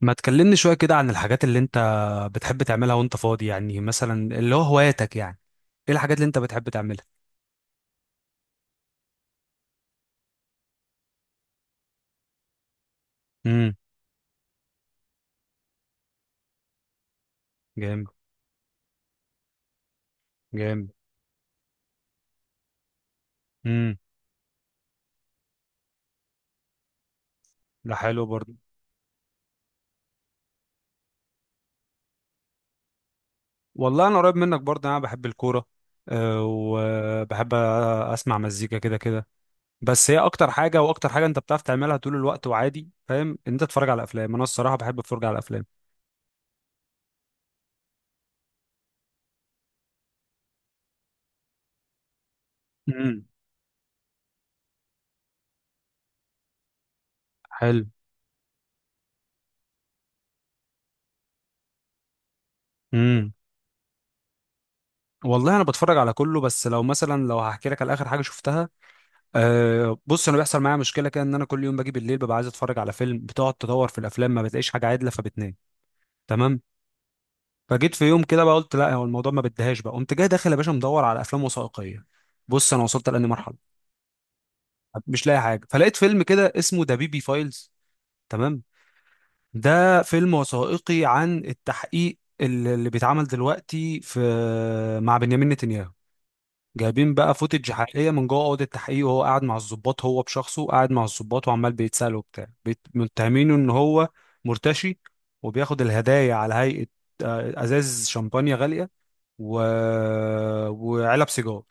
ما تكلمني شوية كده عن الحاجات اللي انت بتحب تعملها وانت فاضي، يعني مثلا اللي هو هواياتك. يعني ايه الحاجات اللي انت بتحب تعملها؟ امم. جامد. جامد. امم. ده حلو برضه. والله انا قريب منك برضه، انا بحب الكورة. أه، وبحب اسمع مزيكا كده كده. بس هي اكتر حاجة، واكتر حاجة انت بتعرف تعملها طول الوقت. وعادي فاهم ان انت تتفرج على افلام. انا الصراحة بحب اتفرج على افلام. امم. حلو. امم. والله انا بتفرج على كله، بس لو مثلا لو هحكي لك على اخر حاجة شفتها. أه، بص، انا بيحصل معايا مشكله كده ان انا كل يوم باجي بالليل ببقى عايز اتفرج على فيلم. بتقعد تدور في الافلام ما بتلاقيش حاجه عادله فبتنام. تمام. فجيت في يوم كده بقى قلت لا، هو الموضوع ما بديهاش بقى. قمت جاي داخل يا باشا مدور على افلام وثائقيه. بص، انا وصلت لاني مرحله مش لاقي حاجه. فلقيت فيلم كده اسمه ذا بيبي فايلز. تمام. ده فيلم وثائقي عن التحقيق اللي بيتعمل دلوقتي في، مع بنيامين نتنياهو. جايبين بقى فوتج حقيقيه من جوه اوضه التحقيق، وهو قاعد مع الضباط، هو بشخصه قاعد مع الضباط، وعمال بيتسال وبتاع متهمينه ان هو مرتشي. وبياخد الهدايا على هيئه ازاز شمبانيا غاليه و... وعلب سيجار.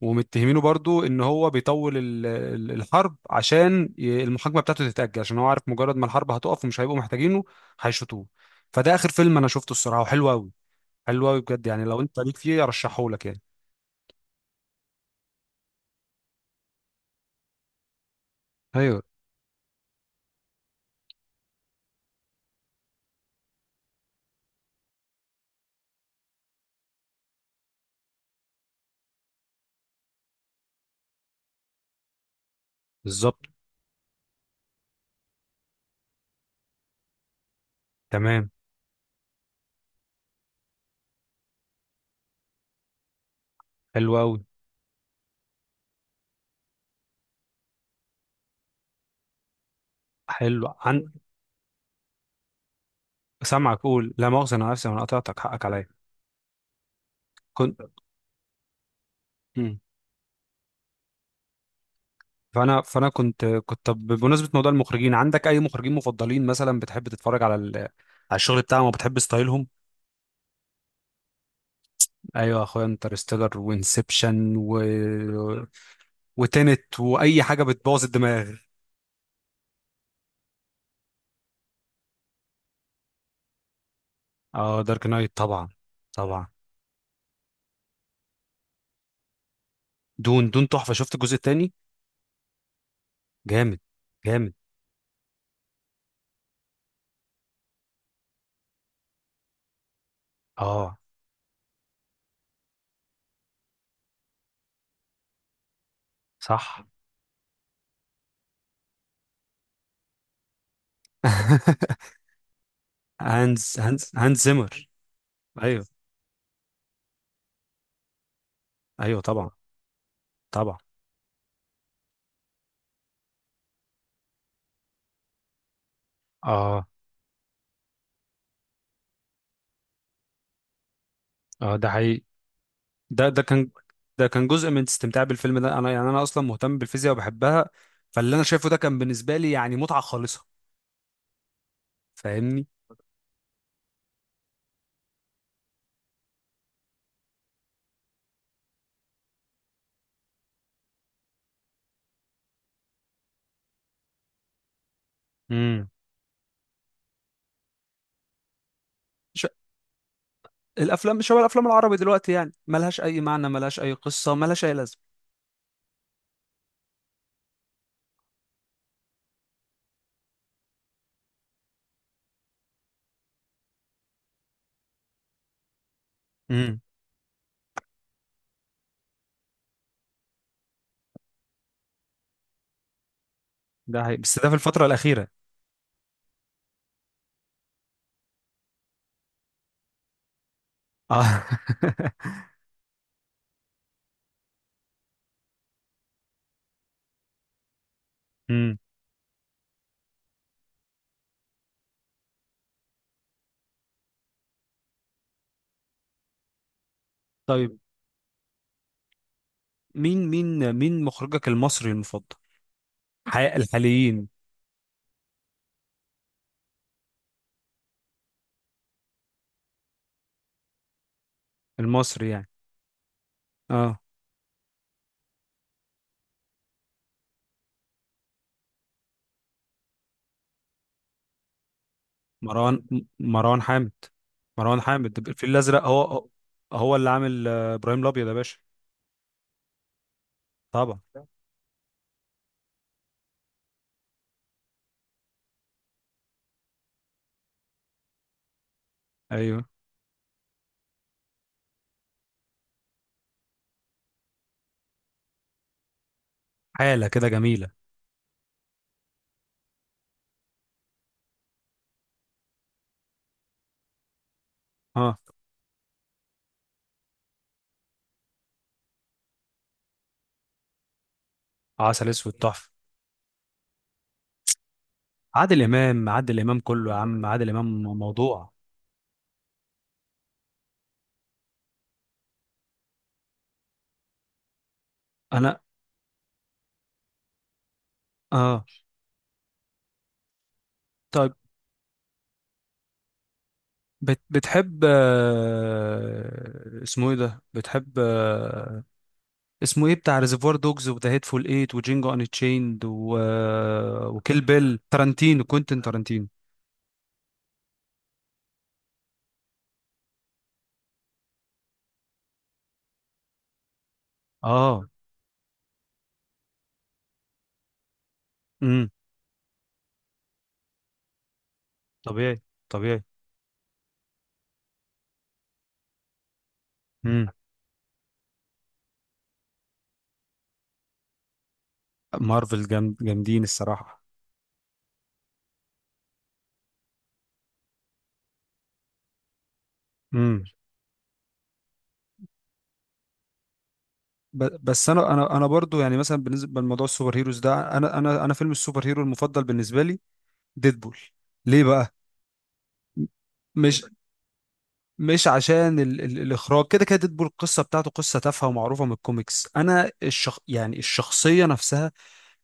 ومتهمينه برضو ان هو بيطول الحرب عشان المحاكمه بتاعته تتاجل، عشان هو عارف مجرد ما الحرب هتقف ومش هيبقوا محتاجينه. هيشوطوه. فده اخر فيلم انا شفته الصراحه، وحلو قوي. حلو قوي بجد، يعني لو انت ليك فيه ارشحهولك يعني. ايوه. بالظبط. تمام. حلو قوي. حلو. سامعك، قول لا مؤاخذة، انا نفسي انا قطعتك، حقك عليا. كنت مم. فانا كنت طب، بمناسبة موضوع المخرجين، عندك اي مخرجين مفضلين مثلا بتحب تتفرج على على الشغل بتاعهم وبتحب ستايلهم؟ ايوه يا اخويا، انترستيلر وانسبشن وتنت واي حاجة بتبوظ الدماغ. اه، دارك نايت طبعا. طبعا. دون دون تحفة. شفت الجزء التاني؟ جامد. جامد. اه، صح. هانز زيمر. ايوه، ايوه. طبعا، طبعا. اه، اه. ده حقيقي. ده كان، ده كان جزء من استمتاع بالفيلم ده. انا يعني انا اصلا مهتم بالفيزياء وبحبها. فاللي انا شايفه ده كان بالنسبه لي يعني متعه خالصه. فاهمني؟ امم. ش... الافلام شبه الافلام العربي دلوقتي يعني ملهاش اي معنى، ملهاش اي قصه، ملهاش اي لازمه. امم. ده حقيقي بس ده في الفتره الاخيره. اه. امم. طيب مين مخرجك المصري المفضل؟ الحاليين. المصري يعني. اه، مروان مروان حامد. مروان حامد الفيل الازرق هو اللي عامل ابراهيم الابيض يا باشا. طبعا. ايوه. حاله كده جميله. اه، عسل اسود تحفه. عادل امام، عادل امام كله يا عم، عادل امام موضوع. انا اه طيب. بتحب اسمه ايه ده؟ بتحب اسمه ايه؟ بتاع ريزرفوار دوجز وذا هيتفول ايت وجينجو ان تشيند وكيل بيل. تارانتينو، كوينتين تارانتينو. اه. امم. طبيعي. طبيعي. امم. مارفل جامد. جامدين الصراحه. امم. بس انا برضو يعني مثلا بالنسبه لموضوع السوبر هيروز ده، انا فيلم السوبر هيرو المفضل بالنسبه لي ديدبول. ليه بقى؟ مش مش عشان ال ال الاخراج كده كده. ديدبول القصه بتاعته قصه تافهه ومعروفه من الكوميكس. انا يعني الشخصيه نفسها.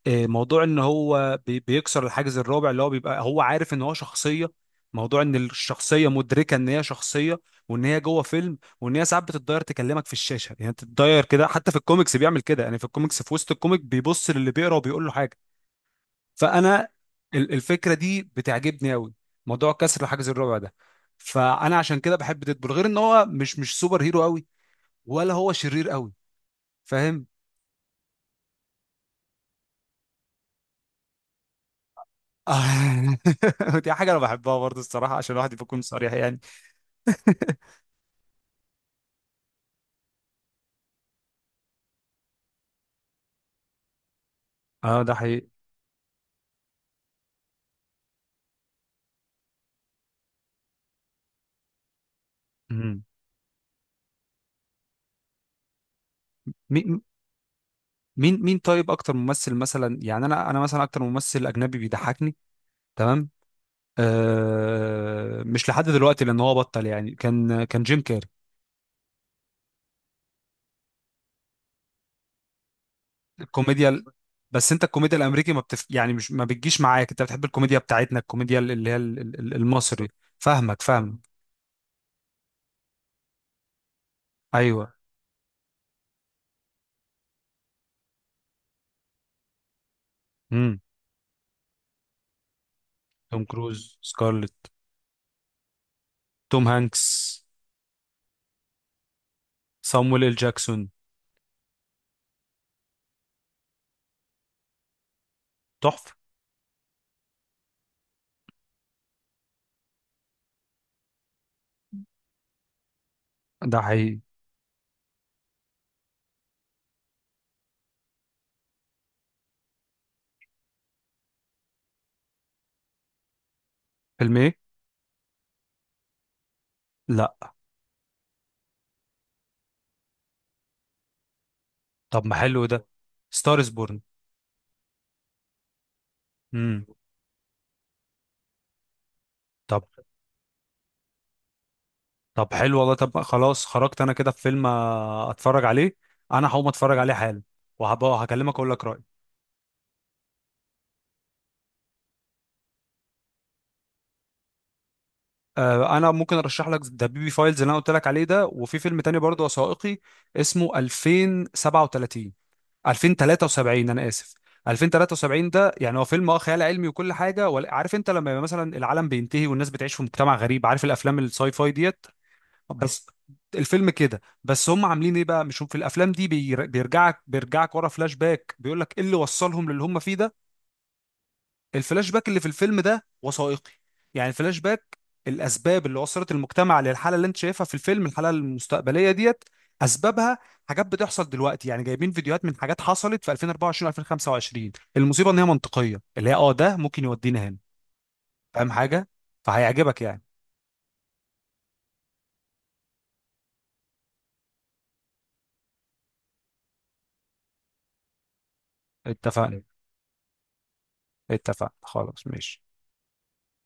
موضوع ان هو بيكسر الحاجز الرابع، اللي هو بيبقى هو عارف ان هو شخصيه. موضوع ان الشخصيه مدركه ان هي شخصيه، وان هي جوه فيلم، وان هي ساعات بتتضاير تكلمك في الشاشه يعني، تتضاير كده حتى في الكوميكس بيعمل كده. يعني في الكوميكس في وسط الكوميك بيبص للي بيقرا وبيقول له حاجه. فانا الفكره دي بتعجبني قوي، موضوع كسر الحاجز الرابع ده. فانا عشان كده بحب ديدبول، غير ان هو مش سوبر هيرو قوي، ولا هو شرير قوي. فاهم؟ دي حاجه انا بحبها برضه الصراحه، عشان الواحد يكون صريح يعني. اه، ده حقيقي. مم. مين مين طيب، اكتر ممثل مثلا يعني؟ انا مثلا اكتر ممثل اجنبي بيضحكني. تمام. مش لحد دلوقتي لان هو بطل يعني، كان جيم كاري. الكوميديا ال- بس انت الكوميديا الامريكي ما بتف يعني مش ما بتجيش معاك، انت بتحب الكوميديا بتاعتنا، الكوميديا اللي هي المصري. فاهمك، فاهم. ايوه. امم. توم كروز. سكارلت. توم هانكس. صامويل ال جاكسون تحفه. ده حقيقي. فيلم ايه؟ لا. طب ما حلو ده. ستارز بورن. امم. طب. طب حلو والله. طب خلاص، خرجت انا كده في فيلم اتفرج عليه. انا هقوم اتفرج عليه حالا، وهبقى هكلمك اقول لك رايي. انا ممكن ارشح لك ذا بيبي فايلز اللي انا قلت لك عليه ده. وفي فيلم تاني برضه وثائقي، اسمه 2037، 2073، انا اسف، 2073. ده يعني هو فيلم خيال علمي وكل حاجه، عارف انت لما يبقى مثلا العالم بينتهي والناس بتعيش في مجتمع غريب؟ عارف الافلام الساي فاي ديت. بس الفيلم كده، بس هم عاملين ايه بقى؟ مش هم في الافلام دي بيرجعك ورا فلاش باك بيقول لك ايه اللي وصلهم للي هم فيه ده. الفلاش باك اللي في الفيلم ده وثائقي يعني. الفلاش باك، الاسباب اللي وصلت المجتمع للحاله اللي انت شايفها في الفيلم، الحاله المستقبليه ديت، اسبابها. حاجات بتحصل دلوقتي يعني. جايبين فيديوهات من حاجات حصلت في 2024 و2025. المصيبه ان هي منطقيه، اللي هي ده ممكن يودينا هنا. فاهم حاجه؟ فهيعجبك يعني. اتفقنا. اتفقنا خلاص، ماشي.